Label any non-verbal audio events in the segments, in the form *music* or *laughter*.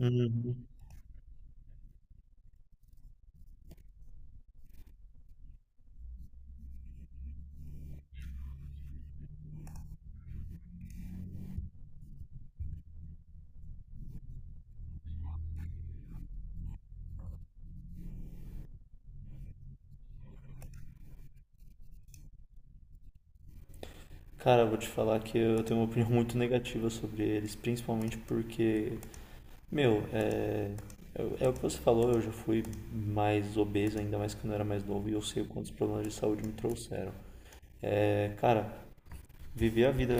Uhum. Cara, eu vou te falar que eu tenho uma opinião *laughs* muito negativa sobre eles, principalmente porque, meu, é o que você falou, eu já fui mais obeso, ainda mais quando eu era mais novo, e eu sei quantos problemas de saúde me trouxeram. É, cara, viver a vida.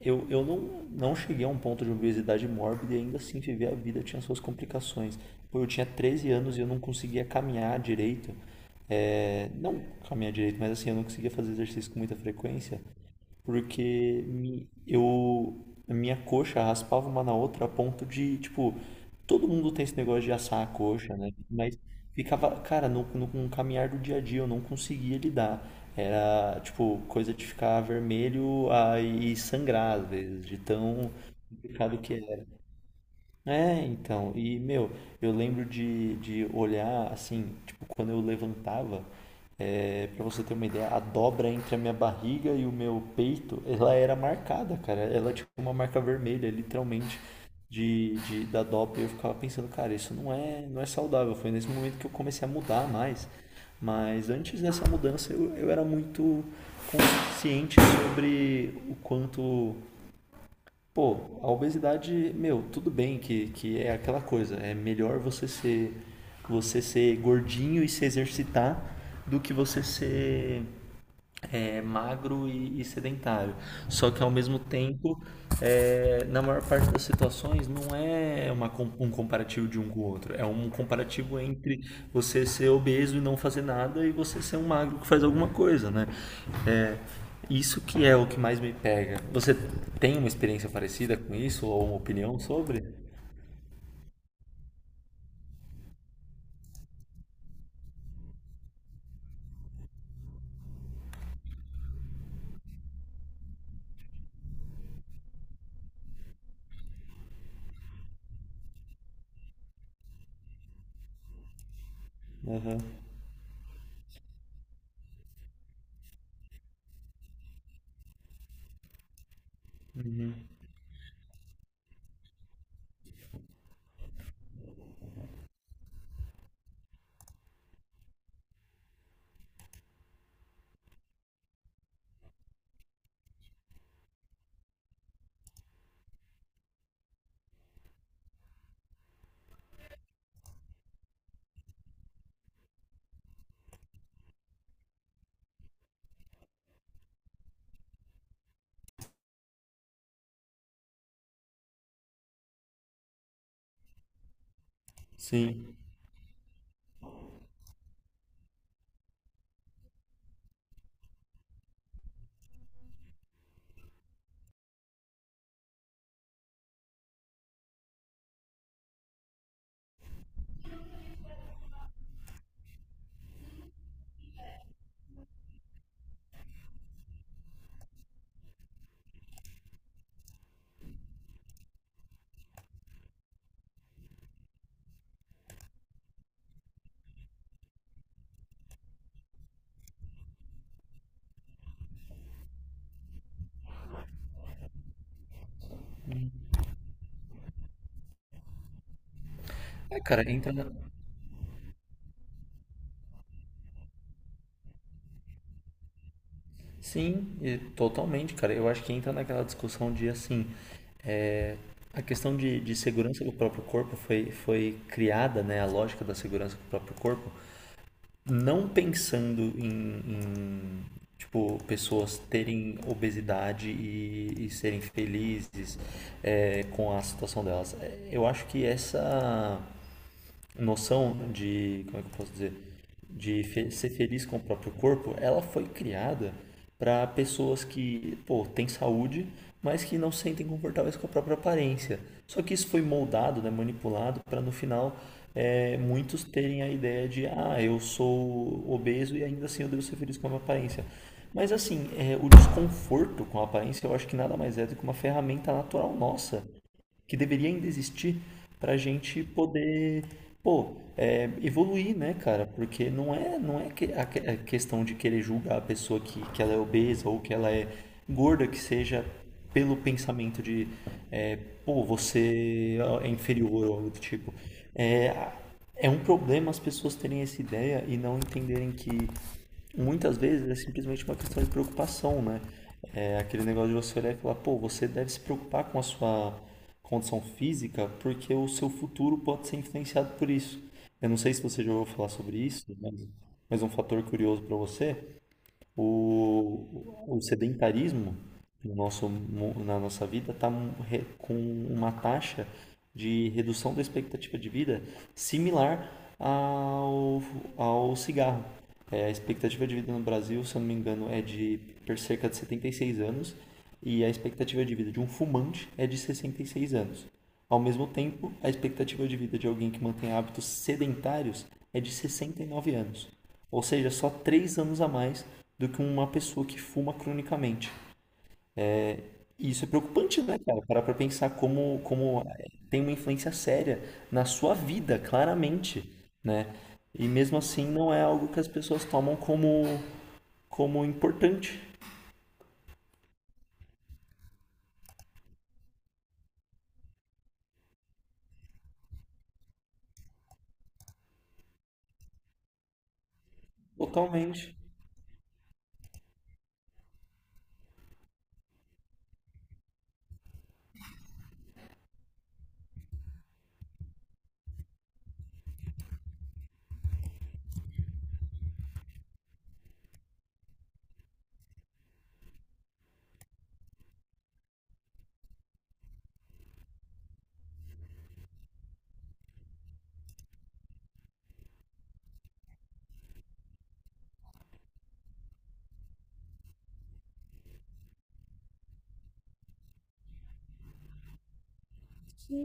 Eu não cheguei a um ponto de obesidade mórbida e ainda assim viver a vida tinha suas complicações. Pô, eu tinha 13 anos e eu não conseguia caminhar direito. É, não caminhar direito, mas assim, eu não conseguia fazer exercício com muita frequência. Porque a minha coxa raspava uma na outra a ponto de, tipo, todo mundo tem esse negócio de assar a coxa, né? Mas ficava, cara, no, no, com o caminhar do dia a dia eu não conseguia lidar. Era, tipo, coisa de ficar vermelho ah, e sangrar, às vezes, de tão complicado que é. É, então, e meu, eu lembro de olhar assim, tipo, quando eu levantava, é, para você ter uma ideia, a dobra entre a minha barriga e o meu peito, ela era marcada, cara. Ela tinha uma marca vermelha, literalmente, da dobra. E eu ficava pensando, cara, isso não é saudável. Foi nesse momento que eu comecei a mudar mais. Mas antes dessa mudança, eu era muito consciente sobre o quanto. Pô, a obesidade, meu, tudo bem que é aquela coisa. É melhor você ser gordinho e se exercitar do que você ser magro e sedentário. Só que ao mesmo tempo, é, na maior parte das situações, não é uma, um comparativo de um com o outro. É um comparativo entre você ser obeso e não fazer nada e você ser um magro que faz alguma coisa, né? É, isso que é o que mais me pega. Você tem uma experiência parecida com isso ou uma opinião sobre? Aham. Sim. É, cara, Sim, e totalmente, cara. Eu acho que entra naquela discussão de assim, é, a questão de segurança do próprio corpo foi criada, né? A lógica da segurança do próprio corpo, não pensando em tipo, pessoas terem obesidade e serem felizes, é, com a situação delas. É, eu acho que essa noção de, como é que eu posso dizer, de ser feliz com o próprio corpo, ela foi criada para pessoas que, pô, têm saúde, mas que não se sentem confortáveis com a própria aparência. Só que isso foi moldado, né, manipulado para no final muitos terem a ideia de, ah, eu sou obeso e ainda assim eu devo ser feliz com a minha aparência. Mas assim, é, o desconforto com a aparência eu acho que nada mais é do que uma ferramenta natural nossa que deveria ainda existir para a gente poder, pô, é, evoluir, né, cara? Porque não é a questão de querer julgar a pessoa que ela é obesa ou que ela é gorda, que seja pelo pensamento de, é, pô, você é inferior ou algo do tipo. É, é um problema as pessoas terem essa ideia e não entenderem que muitas vezes é simplesmente uma questão de preocupação, né? É aquele negócio de você olhar e falar, pô, você deve se preocupar com a sua condição física porque o seu futuro pode ser influenciado por isso. Eu não sei se você já ouviu falar sobre isso, mas um fator curioso para você: o sedentarismo no nosso, na nossa vida está com uma taxa de redução da expectativa de vida similar ao, ao cigarro. É, a expectativa de vida no Brasil, se eu não me engano, é de cerca de 76 anos e a expectativa de vida de um fumante é de 66 anos. Ao mesmo tempo, a expectativa de vida de alguém que mantém hábitos sedentários é de 69 anos, ou seja, só 3 anos a mais do que uma pessoa que fuma cronicamente. E isso é preocupante, né, cara? Parar pra pensar como, como eh, tem uma influência séria na sua vida, claramente, né? E mesmo assim não é algo que as pessoas tomam como, como importante. Totalmente.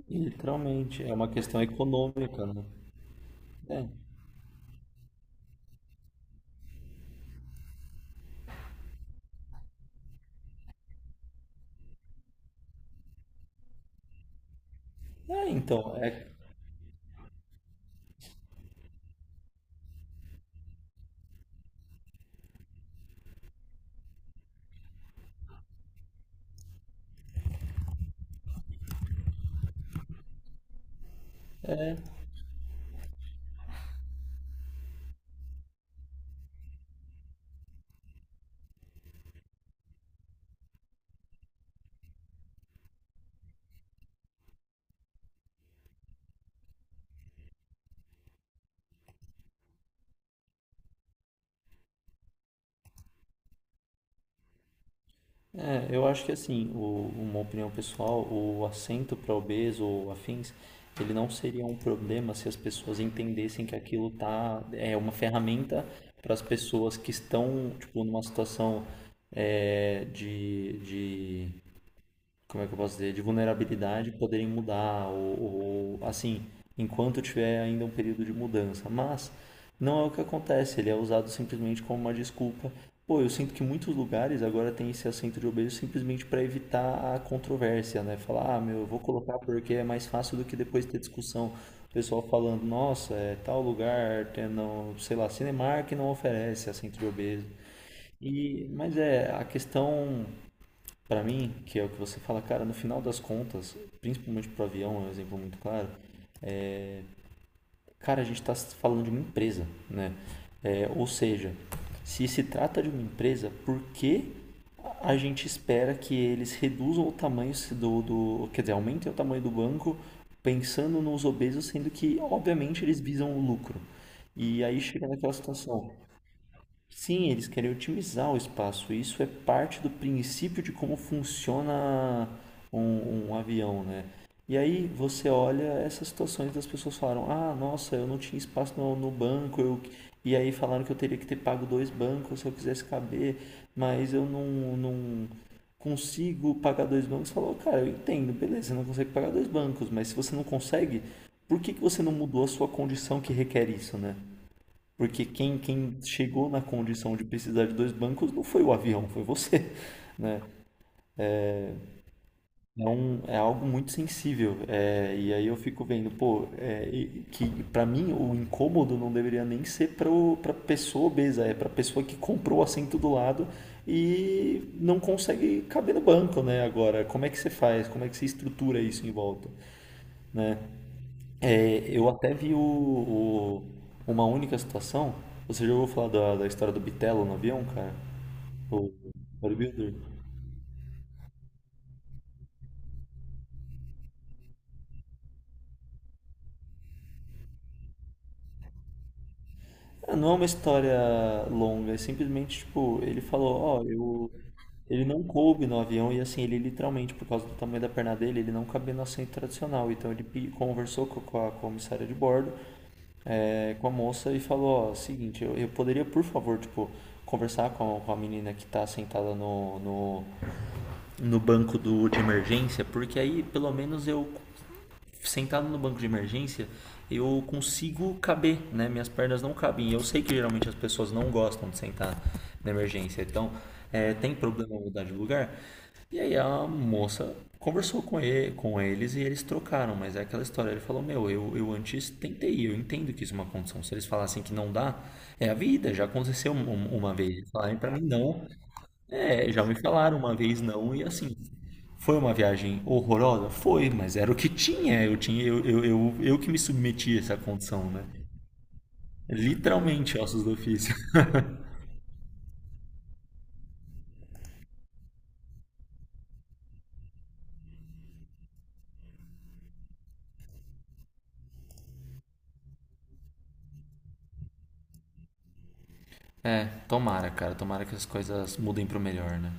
Literalmente. É uma questão econômica, né? É. É, então, é, é, eu acho que assim, uma opinião pessoal, o assento para obeso ou afins, ele não seria um problema se as pessoas entendessem que aquilo tá, é uma ferramenta para as pessoas que estão, tipo, numa situação é, de como é que eu posso dizer, de vulnerabilidade poderem mudar, ou assim, enquanto tiver ainda um período de mudança. Mas não é o que acontece, ele é usado simplesmente como uma desculpa. Pô, eu sinto que muitos lugares agora tem esse assento de obeso simplesmente para evitar a controvérsia, né? Falar, ah, meu, eu vou colocar porque é mais fácil do que depois ter discussão. O pessoal falando, nossa, é tal lugar, tem, não, sei lá, Cinemark não oferece assento de obeso. E, mas é, a questão para mim, que é o que você fala, cara, no final das contas, principalmente pro avião, é um exemplo muito claro, cara, a gente está falando de uma empresa, né? É, ou seja, se se trata de uma empresa, por que a gente espera que eles reduzam o tamanho do, do quer dizer, aumentem o tamanho do banco pensando nos obesos, sendo que, obviamente, eles visam o lucro. E aí chega naquela situação, sim, eles querem otimizar o espaço. Isso é parte do princípio de como funciona um avião, né? E aí você olha essas situações das pessoas falaram: Ah, nossa, eu não tinha espaço no, no banco. Eu... E aí falaram que eu teria que ter pago dois bancos se eu quisesse caber, mas eu não consigo pagar dois bancos. Falou, cara, eu entendo, beleza, você não consegue pagar dois bancos, mas se você não consegue, por que que você não mudou a sua condição que requer isso, né? Porque quem chegou na condição de precisar de dois bancos não foi o avião, foi você, *laughs* né? É, um, é algo muito sensível. É, e aí eu fico vendo, pô, é, que para mim o incômodo não deveria nem ser para para pessoa obesa, é para pessoa que comprou o assento do lado e não consegue caber no banco, né? Agora, como é que você faz? Como é que você estrutura isso em volta, né? É, eu até vi o uma única situação. Você já ouviu falar da história do Bitelo no avião, cara? O bodybuilder. Ah, não é uma história longa, é simplesmente tipo, ele falou, ó, eu. Ele não coube no avião e assim, ele literalmente, por causa do tamanho da perna dele, ele não cabia no assento tradicional. Então ele conversou com a comissária de bordo, é, com a moça e falou, ó, seguinte, eu poderia, por favor, tipo, conversar com a menina que tá sentada no banco do, de emergência, porque aí pelo menos eu sentado no banco de emergência, eu consigo caber, né? Minhas pernas não cabem. Eu sei que geralmente as pessoas não gostam de sentar na emergência, então é, tem problema mudar de lugar. E aí a moça conversou com, ele, com eles e eles trocaram, mas é aquela história. Ele falou: Meu, eu antes tentei, eu entendo que isso é uma condição. Se eles falassem que não dá, é a vida, já aconteceu uma vez. Eles falarem pra mim não, é, já me falaram uma vez não, e assim, foi uma viagem horrorosa? Foi, mas era o que tinha, eu que me submeti a essa condição, né? Literalmente ossos do ofício. É, tomara, cara, tomara que as coisas mudem pro melhor, né?